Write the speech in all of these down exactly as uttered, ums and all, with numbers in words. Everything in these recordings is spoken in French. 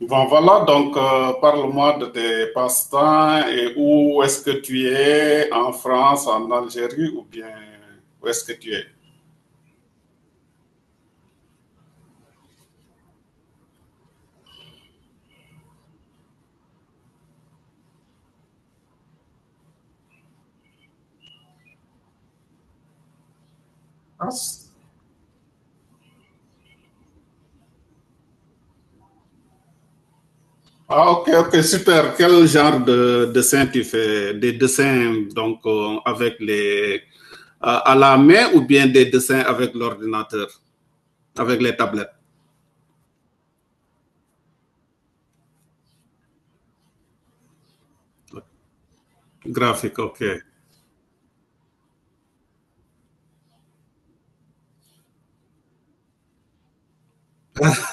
Bon, voilà, donc euh, parle-moi de tes passe-temps et où est-ce que tu es, en France, en Algérie ou bien où est-ce que tu es? Ah, c- ah, ok, ok, super. Quel genre de dessin tu fais? Des dessins donc euh, avec les à à la main ou bien des dessins avec l'ordinateur, avec les tablettes graphiques, ok.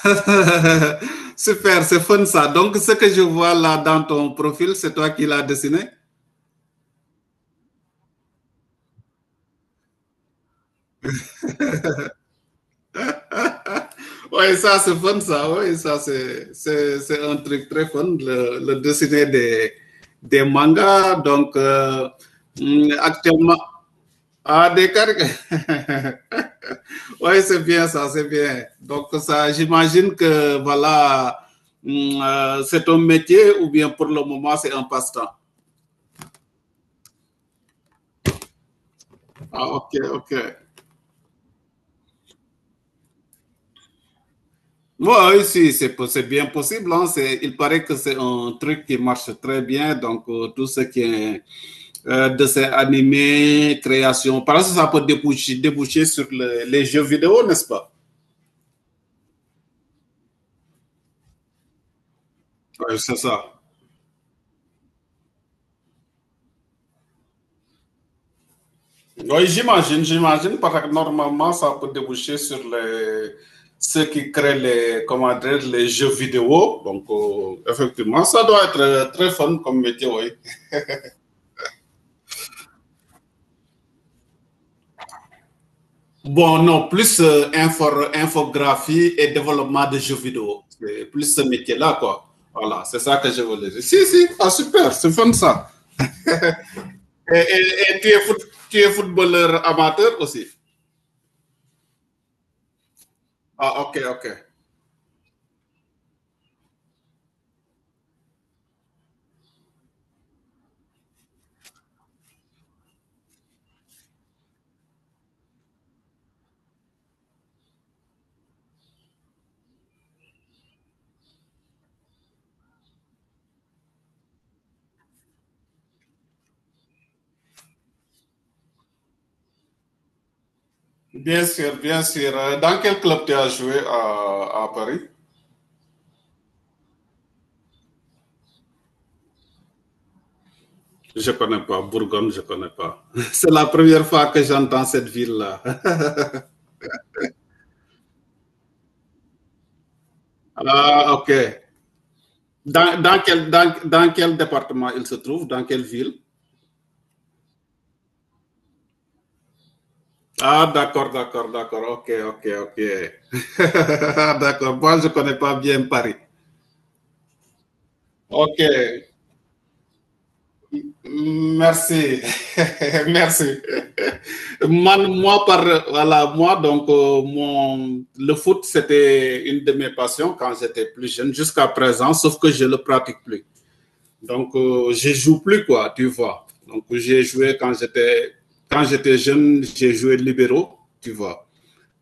Super, c'est fun ça. Donc ce que je vois là dans ton profil, c'est toi qui l'as dessiné? Oui, ça c'est fun, ça, oui, ça c'est un truc très fun, le, le dessiner des, des mangas. Donc, euh, mm, actuellement, ah, des caricatures. Oui, c'est bien ça, c'est bien. Donc, ça, j'imagine que, voilà, mm, euh, c'est un métier ou bien pour le moment, c'est un passe-temps. Ah, ok, ok. Ouais, oui, si, c'est c'est bien possible, hein. C'est- Il paraît que c'est un truc qui marche très bien. Donc, euh, tout ce qui est euh, de ces animés, créations. Par exemple, ça peut déboucher, déboucher sur le- les jeux vidéo, n'est-ce pas? Oui, c'est ça. Oui, j'imagine, j'imagine, parce que normalement, ça peut déboucher sur les, ceux qui créent les, comment dire, les jeux vidéo. Donc, euh, effectivement, ça doit être euh, très fun comme métier, oui. Bon, non, plus euh, infor- infographie et développement de jeux vidéo. Plus ce métier-là, quoi. Voilà, c'est ça que je voulais dire. Si, si, ah, super, c'est fun ça. Et, et- et tu, es foot- tu es footballeur amateur aussi? Ah, ok, ok. Bien sûr, bien sûr. Euh, Dans quel club tu as joué à, à Paris? Je ne connais pas. Bourgogne, je ne connais pas. C'est la première fois que j'entends cette ville-là. Ah, ok. Dans, dans quel, dans, dans quel département il se trouve? Dans quelle ville? Ah, d'accord, d'accord, d'accord. Ok, ok, ok. D'accord. Moi, je ne connais pas bien Paris. Ok, merci, merci. Man- moi, par, voilà, moi, donc, euh, mon, le foot, c'était une de mes passions quand j'étais plus jeune, jusqu'à présent, sauf que je ne le pratique plus. Donc, euh, je ne joue plus, quoi, tu vois. Donc, j'ai joué quand j'étais, quand j'étais jeune, j'ai joué libéraux, tu vois.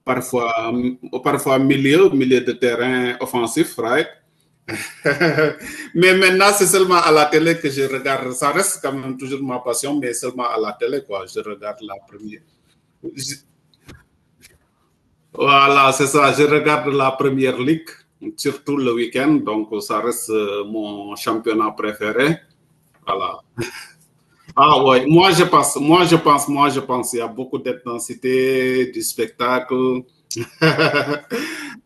Parfois, euh, parfois milieu, milieu de terrain offensif, right? Mais maintenant, c'est seulement à la télé que je regarde. Ça reste quand même toujours ma passion, mais seulement à la télé, quoi. Je regarde la première. Je... Voilà, c'est ça. Je regarde la première ligue, surtout le week-end. Donc, ça reste euh, mon championnat préféré. Voilà. Ah ouais, moi je pense, moi je pense, moi je pense, il y a beaucoup d'intensité, du spectacle.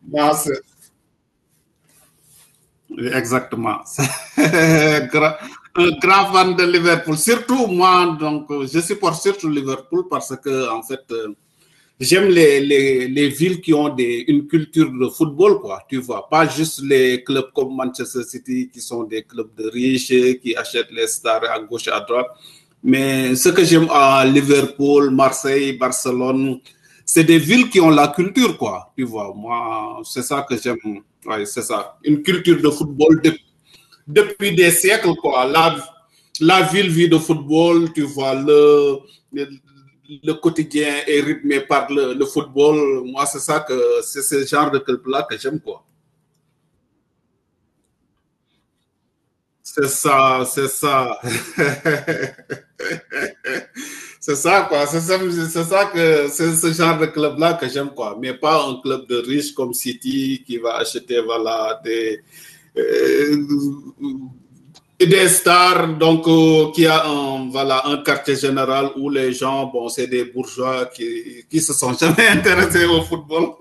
Non, c'est exactement. Gra- un grand fan de Liverpool. Surtout moi, donc, euh, je supporte surtout Liverpool parce que, en fait, euh, j'aime les, les, les, villes qui ont des, une culture de football, quoi, tu vois. Pas juste les clubs comme Manchester City qui sont des clubs de riches, qui achètent les stars à gauche, à droite. Mais ce que j'aime à Liverpool, Marseille, Barcelone, c'est des villes qui ont la culture, quoi, tu vois. Moi, c'est ça que j'aime. Ouais, c'est ça. Une culture de football, de depuis des siècles, quoi. La, la ville vit de football, tu vois, le, le, le quotidien est rythmé par le, le football. Moi, c'est ça que c'est ce genre de club-là que j'aime, quoi. C'est ça, c'est ça. C'est ça, quoi. C'est ça, c'est ça que c'est ce genre de club-là que j'aime, quoi. Mais pas un club de riches comme City qui va acheter, voilà, des, euh, des stars, donc euh, qui a un, voilà, un quartier général où les gens, bon, c'est des bourgeois qui, qui se sont jamais intéressés au football.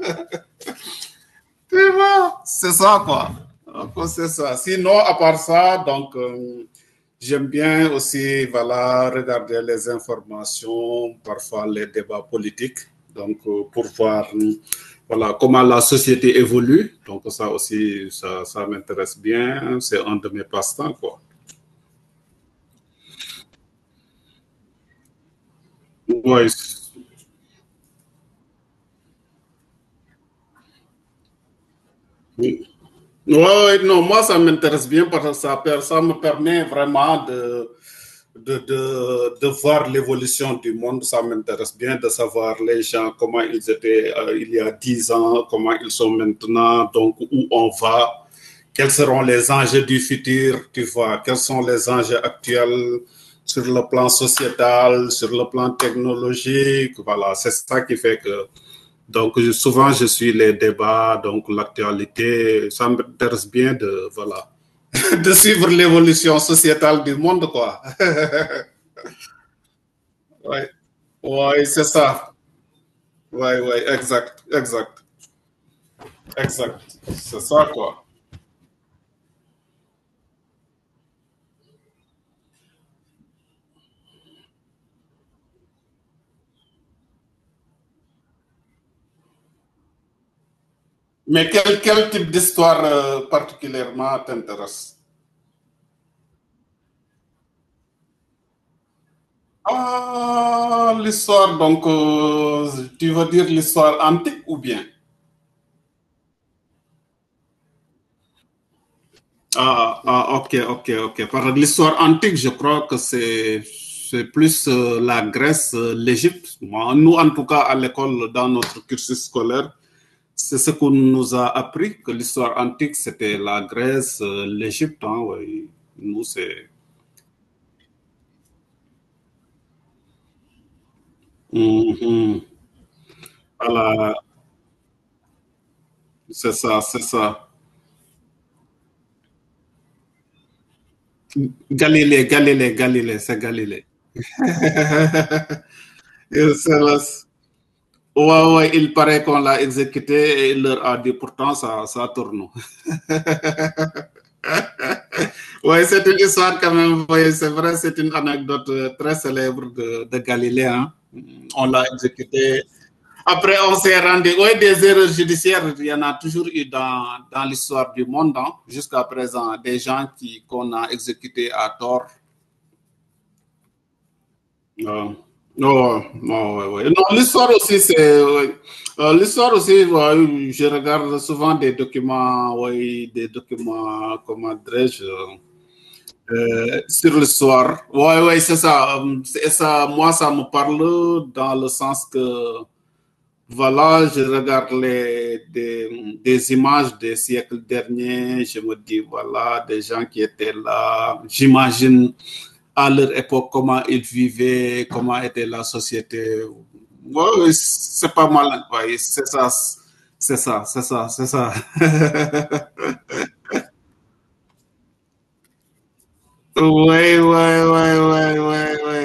Tu vois, c'est ça, quoi. Donc, c'est ça. Sinon, à part ça, donc, euh, j'aime bien aussi, voilà, regarder les informations, parfois les débats politiques, donc, euh, pour voir, euh, voilà, comment la société évolue. Donc, ça aussi, ça, ça m'intéresse bien. C'est un de mes passe-temps, quoi. Ouais, ouais, ouais, non, moi, ça m'intéresse bien parce que ça, ça me permet vraiment de, de, de, de voir l'évolution du monde. Ça m'intéresse bien de savoir les gens, comment ils étaient euh, il y a dix ans, comment ils sont maintenant, donc où on va, quels seront les enjeux du futur, tu vois, quels sont les enjeux actuels sur le plan sociétal, sur le plan technologique. Voilà, c'est ça qui fait que donc, je, souvent, je suis les débats, donc l'actualité. Ça m'intéresse bien de, voilà. De suivre l'évolution sociétale du monde, quoi. Ouais, ouais, c'est ça. Ouais, ouais, exact, exact, exact. C'est ça, quoi. Mais quel, quel type d'histoire euh, particulièrement t'intéresse? Ah, l'histoire, donc, euh, tu veux dire l'histoire antique ou bien? Ah, ah, ok, ok, ok. Par l'histoire antique, je crois que c'est c'est plus euh, la Grèce, euh, l'Égypte. Moi, Nous, en tout cas, à l'école, dans notre cursus scolaire, c'est ce qu'on nous a appris, que l'histoire antique, c'était la Grèce, euh, l'Égypte, hein, ouais. Nous, c'est... Mhm. Voilà, c'est ça, c'est ça. Galilée, Galilée, Galilée, c'est Galilée. Et c'est là- Ouais, ouais, il paraît qu'on l'a exécuté et il leur a dit pourtant ça, ça tourne. Ouais, c'est une histoire quand même, ouais, c'est vrai, c'est une anecdote euh, très célèbre de, de Galilée, hein. On l'a exécuté. Après, on s'est rendu. Oui, des erreurs judiciaires, il y en a toujours eu dans, dans l'histoire du monde, hein. Jusqu'à présent, des gens qui qu'on a exécutés à tort? Non, non, non, ouais, ouais. Non, l'histoire aussi, c'est, ouais. Euh, l'histoire aussi, ouais, je regarde souvent des documents, ouais, des documents, comment dirais-je, euh, sur l'histoire. Ouais, ouais, c'est ça. Euh, c'est ça. Moi, ça me parle dans le sens que voilà, je regarde les, des, des images des siècles derniers. Je me dis, voilà, des gens qui étaient là. J'imagine à leur époque comment ils vivaient, comment était la société. Ouais, ouais, c'est pas mal, hein, ouais, c'est ça, c'est ça, c'est ça, c'est ça. Oui, oui, oui, oui, oui, oui.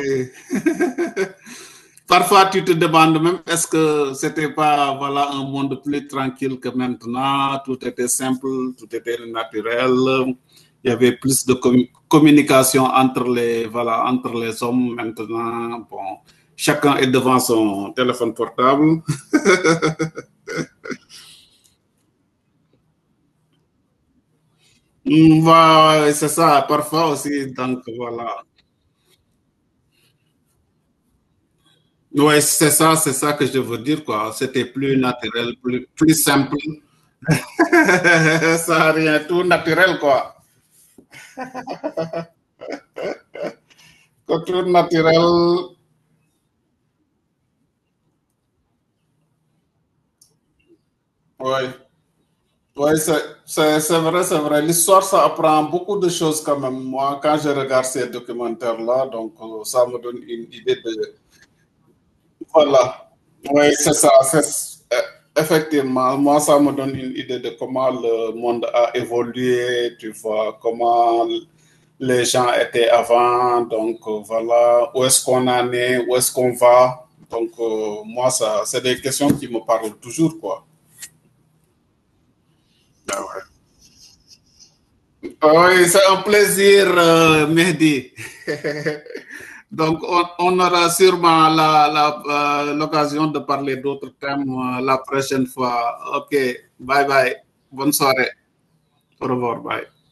Parfois, tu te demandes même, est-ce que c'était pas voilà un monde plus tranquille que maintenant? Tout était simple, tout était naturel. Il y avait plus de com- communication entre les voilà entre les hommes maintenant. Bon, chacun est devant son téléphone portable. Mm, ouais, c'est ça. Parfois aussi, donc voilà. Ouais, c'est ça, c'est ça que je veux dire quoi. C'était plus naturel, plus plus simple. Ça a rien, tout naturel quoi. Culture naturelle, oui. Oui, c'est c'est- c'est vrai, c'est vrai. L'histoire, ça apprend beaucoup de choses quand même. Moi, quand je regarde ces documentaires-là, donc euh, ça me donne une idée de... Voilà. Oui, c'est ça. c'est- euh, Effectivement, moi, ça me donne une idée de comment le monde a évolué, tu vois, comment les gens étaient avant, donc euh, voilà, où est-ce qu'on en est, où est-ce qu'on va. Donc, euh, moi, ça, c'est des questions qui me parlent toujours, quoi. Ben, oui, c'est un plaisir, euh, Mehdi. Donc, on, on, aura sûrement l'occasion la, la, euh, de parler d'autres thèmes euh, la prochaine fois. OK, bye bye. Bonne soirée. Au revoir, bye.